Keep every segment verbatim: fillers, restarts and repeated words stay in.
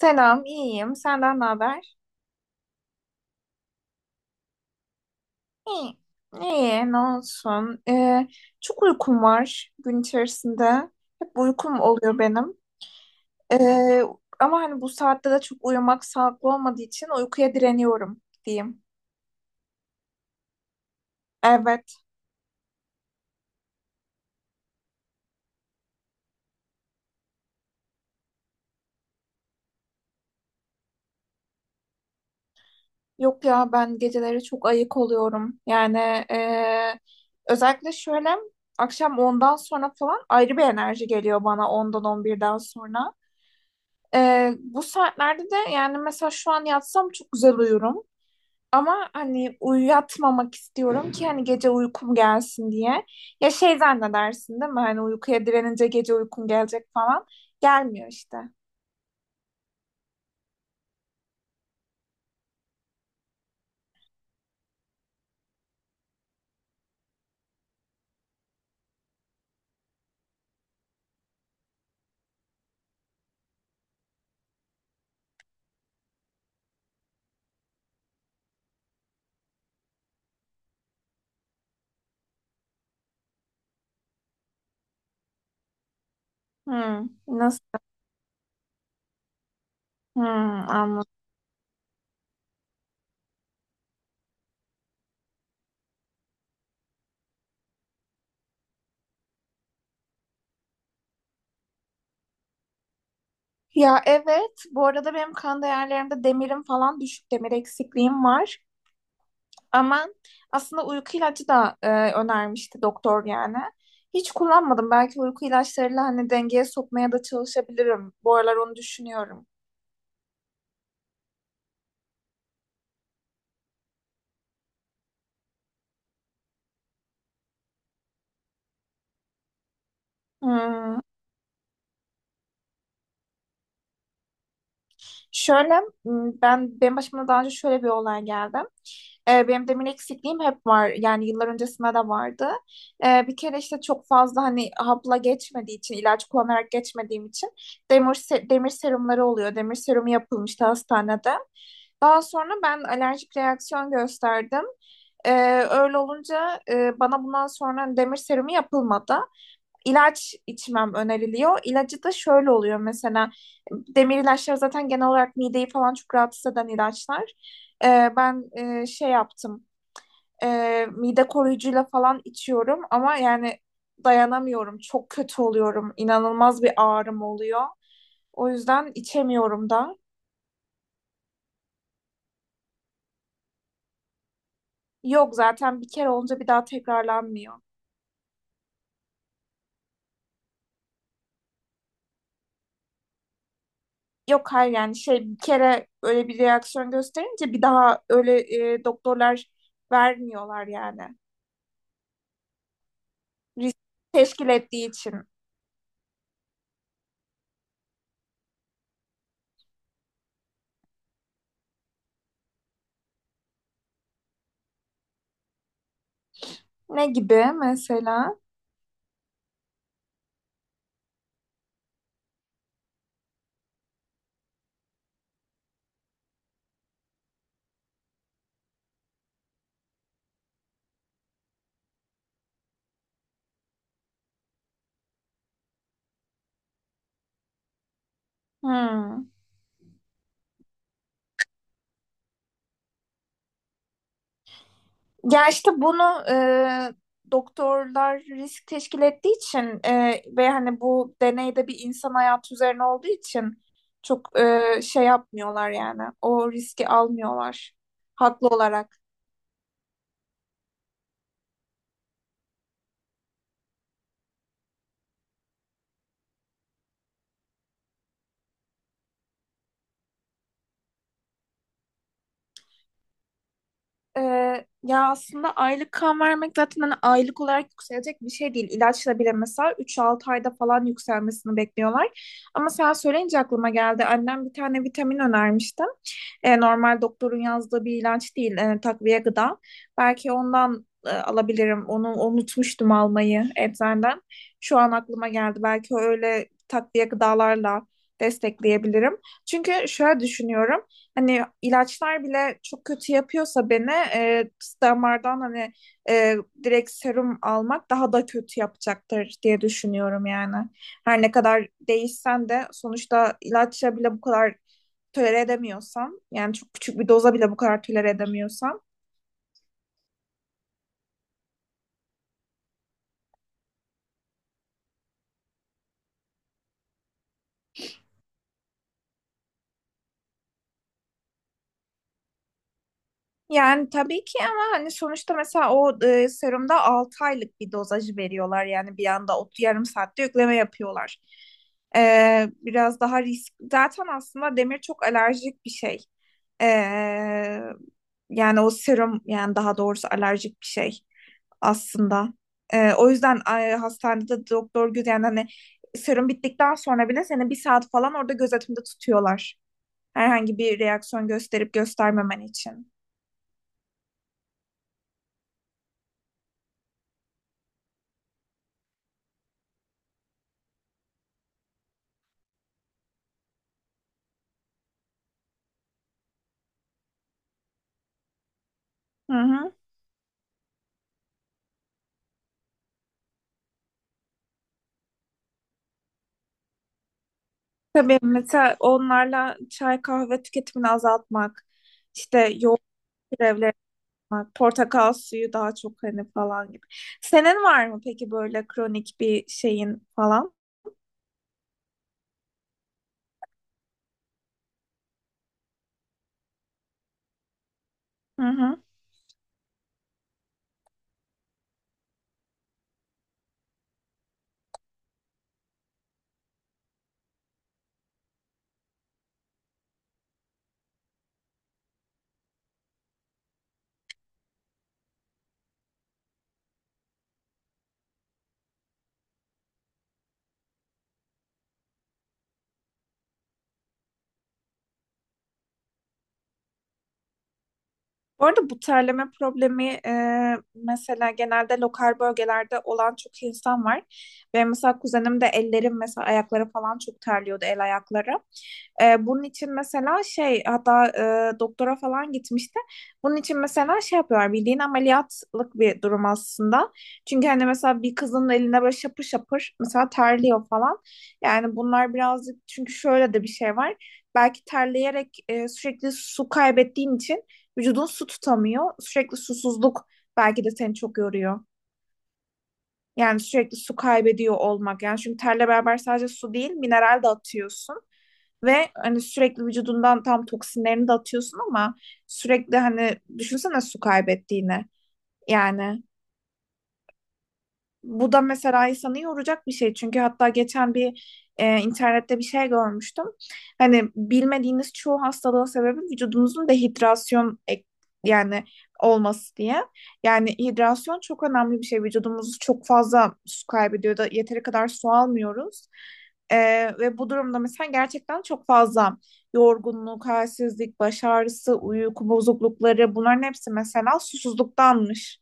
Selam, iyiyim. Senden ne haber? İyi. İyi, ne olsun. Ee, çok uykum var gün içerisinde. Hep uykum oluyor benim. Ee, ama hani bu saatte de çok uyumak sağlıklı olmadığı için uykuya direniyorum diyeyim. Evet. Yok ya ben geceleri çok ayık oluyorum. Yani ee, özellikle şöyle akşam ondan sonra falan ayrı bir enerji geliyor bana ondan on birden sonra. Ee, bu saatlerde de yani mesela şu an yatsam çok güzel uyurum. Ama hani uyuyatmamak istiyorum ki hani gece uykum gelsin diye. Ya şey zannedersin değil mi? Hani uykuya direnince gece uykum gelecek falan. Gelmiyor işte. Hmm, nasıl? Hmm, anladım. Ya evet. Bu arada benim kan değerlerimde demirim falan düşük. Demir eksikliğim var. Ama aslında uyku ilacı da e, önermişti doktor yani. Hiç kullanmadım. Belki uyku ilaçlarıyla hani dengeye sokmaya da çalışabilirim. Bu aralar onu düşünüyorum. Hmm. Şöyle m, ben benim başıma daha önce şöyle bir olay geldi. Ee, benim demir eksikliğim hep var. Yani yıllar öncesinde de vardı. Ee, bir kere işte çok fazla hani hapla geçmediği için, ilaç kullanarak geçmediğim için demir, se- demir serumları oluyor. Demir serumu yapılmıştı hastanede. Daha sonra ben alerjik reaksiyon gösterdim. Ee, öyle olunca e, bana bundan sonra demir serumu yapılmadı, ilaç içmem öneriliyor. İlacı da şöyle oluyor mesela, demir ilaçlar zaten genel olarak mideyi falan çok rahatsız eden ilaçlar. Ee, ben e, şey yaptım, e, mide koruyucuyla falan içiyorum ama yani dayanamıyorum, çok kötü oluyorum, inanılmaz bir ağrım oluyor. O yüzden içemiyorum da. Yok, zaten bir kere olunca bir daha tekrarlanmıyor. Yok, hayır yani şey, bir kere öyle bir reaksiyon gösterince bir daha öyle e, doktorlar vermiyorlar yani. Risk teşkil ettiği için. Ne gibi mesela? Hmm. Ya işte bunu e, doktorlar risk teşkil ettiği için e, ve hani bu deneyde bir insan hayatı üzerine olduğu için çok e, şey yapmıyorlar yani. O riski almıyorlar haklı olarak. Ee, ya aslında aylık kan vermek zaten hani aylık olarak yükselecek bir şey değil. İlaçla bile mesela üç altı ayda falan yükselmesini bekliyorlar. Ama sen söyleyince aklıma geldi. Annem bir tane vitamin önermişti. Ee, normal doktorun yazdığı bir ilaç değil, e, takviye gıda. Belki ondan e, alabilirim. Onu unutmuştum almayı eczaneden. Şu an aklıma geldi. Belki öyle takviye gıdalarla destekleyebilirim. Çünkü şöyle düşünüyorum. Hani ilaçlar bile çok kötü yapıyorsa beni, e, damardan hani e, direkt serum almak daha da kötü yapacaktır diye düşünüyorum yani. Her ne kadar değişsen de sonuçta ilaçla bile bu kadar tolere edemiyorsan, yani çok küçük bir doza bile bu kadar tolere edemiyorsan. Yani tabii ki ama hani sonuçta mesela o e, serumda altı aylık bir dozajı veriyorlar. Yani bir anda o yarım saatte yükleme yapıyorlar. Ee, biraz daha risk. Zaten aslında demir çok alerjik bir şey. Ee, yani o serum, yani daha doğrusu alerjik bir şey aslında. Ee, o yüzden e, hastanede doktor göz yani hani serum bittikten sonra bile seni bir saat falan orada gözetimde tutuyorlar. Herhangi bir reaksiyon gösterip göstermemen için. Hı hı. Tabii mesela onlarla çay, kahve tüketimini azaltmak, işte yoğurt türevleri yapmak, portakal suyu daha çok hani falan gibi. Senin var mı peki böyle kronik bir şeyin falan? Hı hı. Bu arada bu terleme problemi, e, mesela genelde lokal bölgelerde olan çok insan var. Benim mesela kuzenim de, ellerim mesela, ayakları falan çok terliyordu, el ayakları. E, bunun için mesela şey, hatta e, doktora falan gitmişti. Bunun için mesela şey yapıyorlar, bildiğin ameliyatlık bir durum aslında. Çünkü hani mesela bir kızın eline böyle şapır şapır mesela terliyor falan. Yani bunlar birazcık, çünkü şöyle de bir şey var. Belki terleyerek, e, sürekli su kaybettiğin için, vücudun su tutamıyor. Sürekli susuzluk belki de seni çok yoruyor. Yani sürekli su kaybediyor olmak. Yani çünkü terle beraber sadece su değil, mineral de atıyorsun. Ve hani sürekli vücudundan tam toksinlerini de atıyorsun ama sürekli hani düşünsene su kaybettiğini. Yani bu da mesela insanı yoracak bir şey. Çünkü hatta geçen bir e, internette bir şey görmüştüm. Hani bilmediğiniz çoğu hastalığın sebebi vücudumuzun dehidrasyon ek- yani olması diye. Yani hidrasyon çok önemli bir şey. Vücudumuz çok fazla su kaybediyor da yeteri kadar su almıyoruz. E, ve bu durumda mesela gerçekten çok fazla yorgunluk, halsizlik, baş ağrısı, uyku bozuklukları, bunların hepsi mesela susuzluktanmış.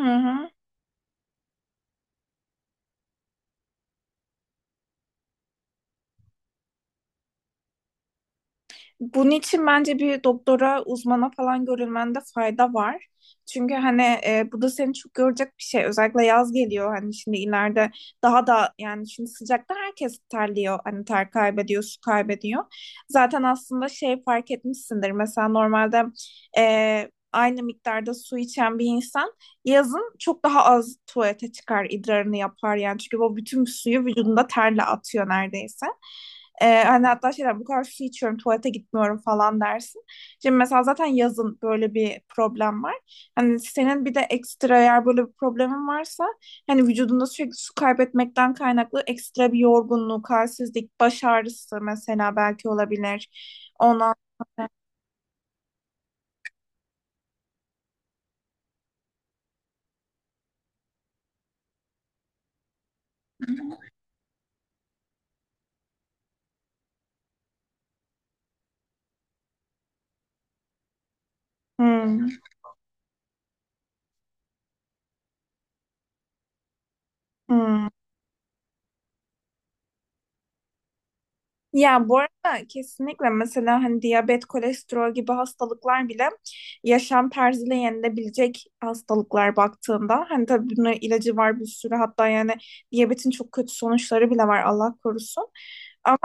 Hı hı. Bunun için bence bir doktora, uzmana falan görülmende fayda var. Çünkü hani e, bu da seni çok görecek bir şey. Özellikle yaz geliyor, hani şimdi ileride daha da, yani şimdi sıcakta herkes terliyor. Hani ter kaybediyor, su kaybediyor. Zaten aslında şey fark etmişsindir. Mesela normalde e, aynı miktarda su içen bir insan yazın çok daha az tuvalete çıkar, idrarını yapar yani. Çünkü o bütün suyu vücudunda terle atıyor neredeyse. Ee, hani hatta şeyler, bu kadar su içiyorum tuvalete gitmiyorum falan dersin. Şimdi mesela zaten yazın böyle bir problem var. Hani senin bir de ekstra, eğer böyle bir problemin varsa, hani vücudunda sürekli su kaybetmekten kaynaklı ekstra bir yorgunluk, halsizlik, baş ağrısı mesela belki olabilir. Ondan sonra. Hmm, hmm. Ya bu arada kesinlikle mesela hani diyabet, kolesterol gibi hastalıklar bile yaşam tarzıyla yenilebilecek hastalıklar baktığında. Hani tabii bunun ilacı var bir sürü, hatta yani diyabetin çok kötü sonuçları bile var, Allah korusun. Ama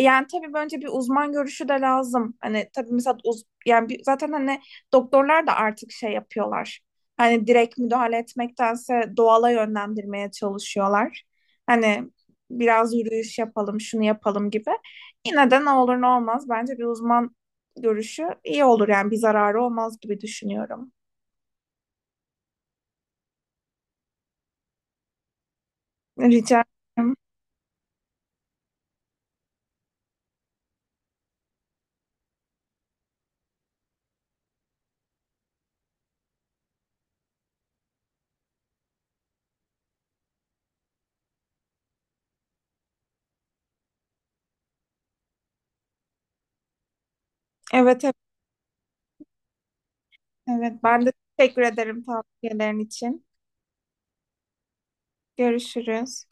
yani tabii bence bir uzman görüşü de lazım. Hani tabii mesela uz yani bir- zaten hani doktorlar da artık şey yapıyorlar. Hani direkt müdahale etmektense doğala yönlendirmeye çalışıyorlar. Hani biraz yürüyüş yapalım, şunu yapalım gibi. Yine de ne olur ne olmaz bence bir uzman görüşü iyi olur, yani bir zararı olmaz gibi düşünüyorum. Rica ederim. Evet, evet, evet. Ben de teşekkür ederim tavsiyelerin için. Görüşürüz.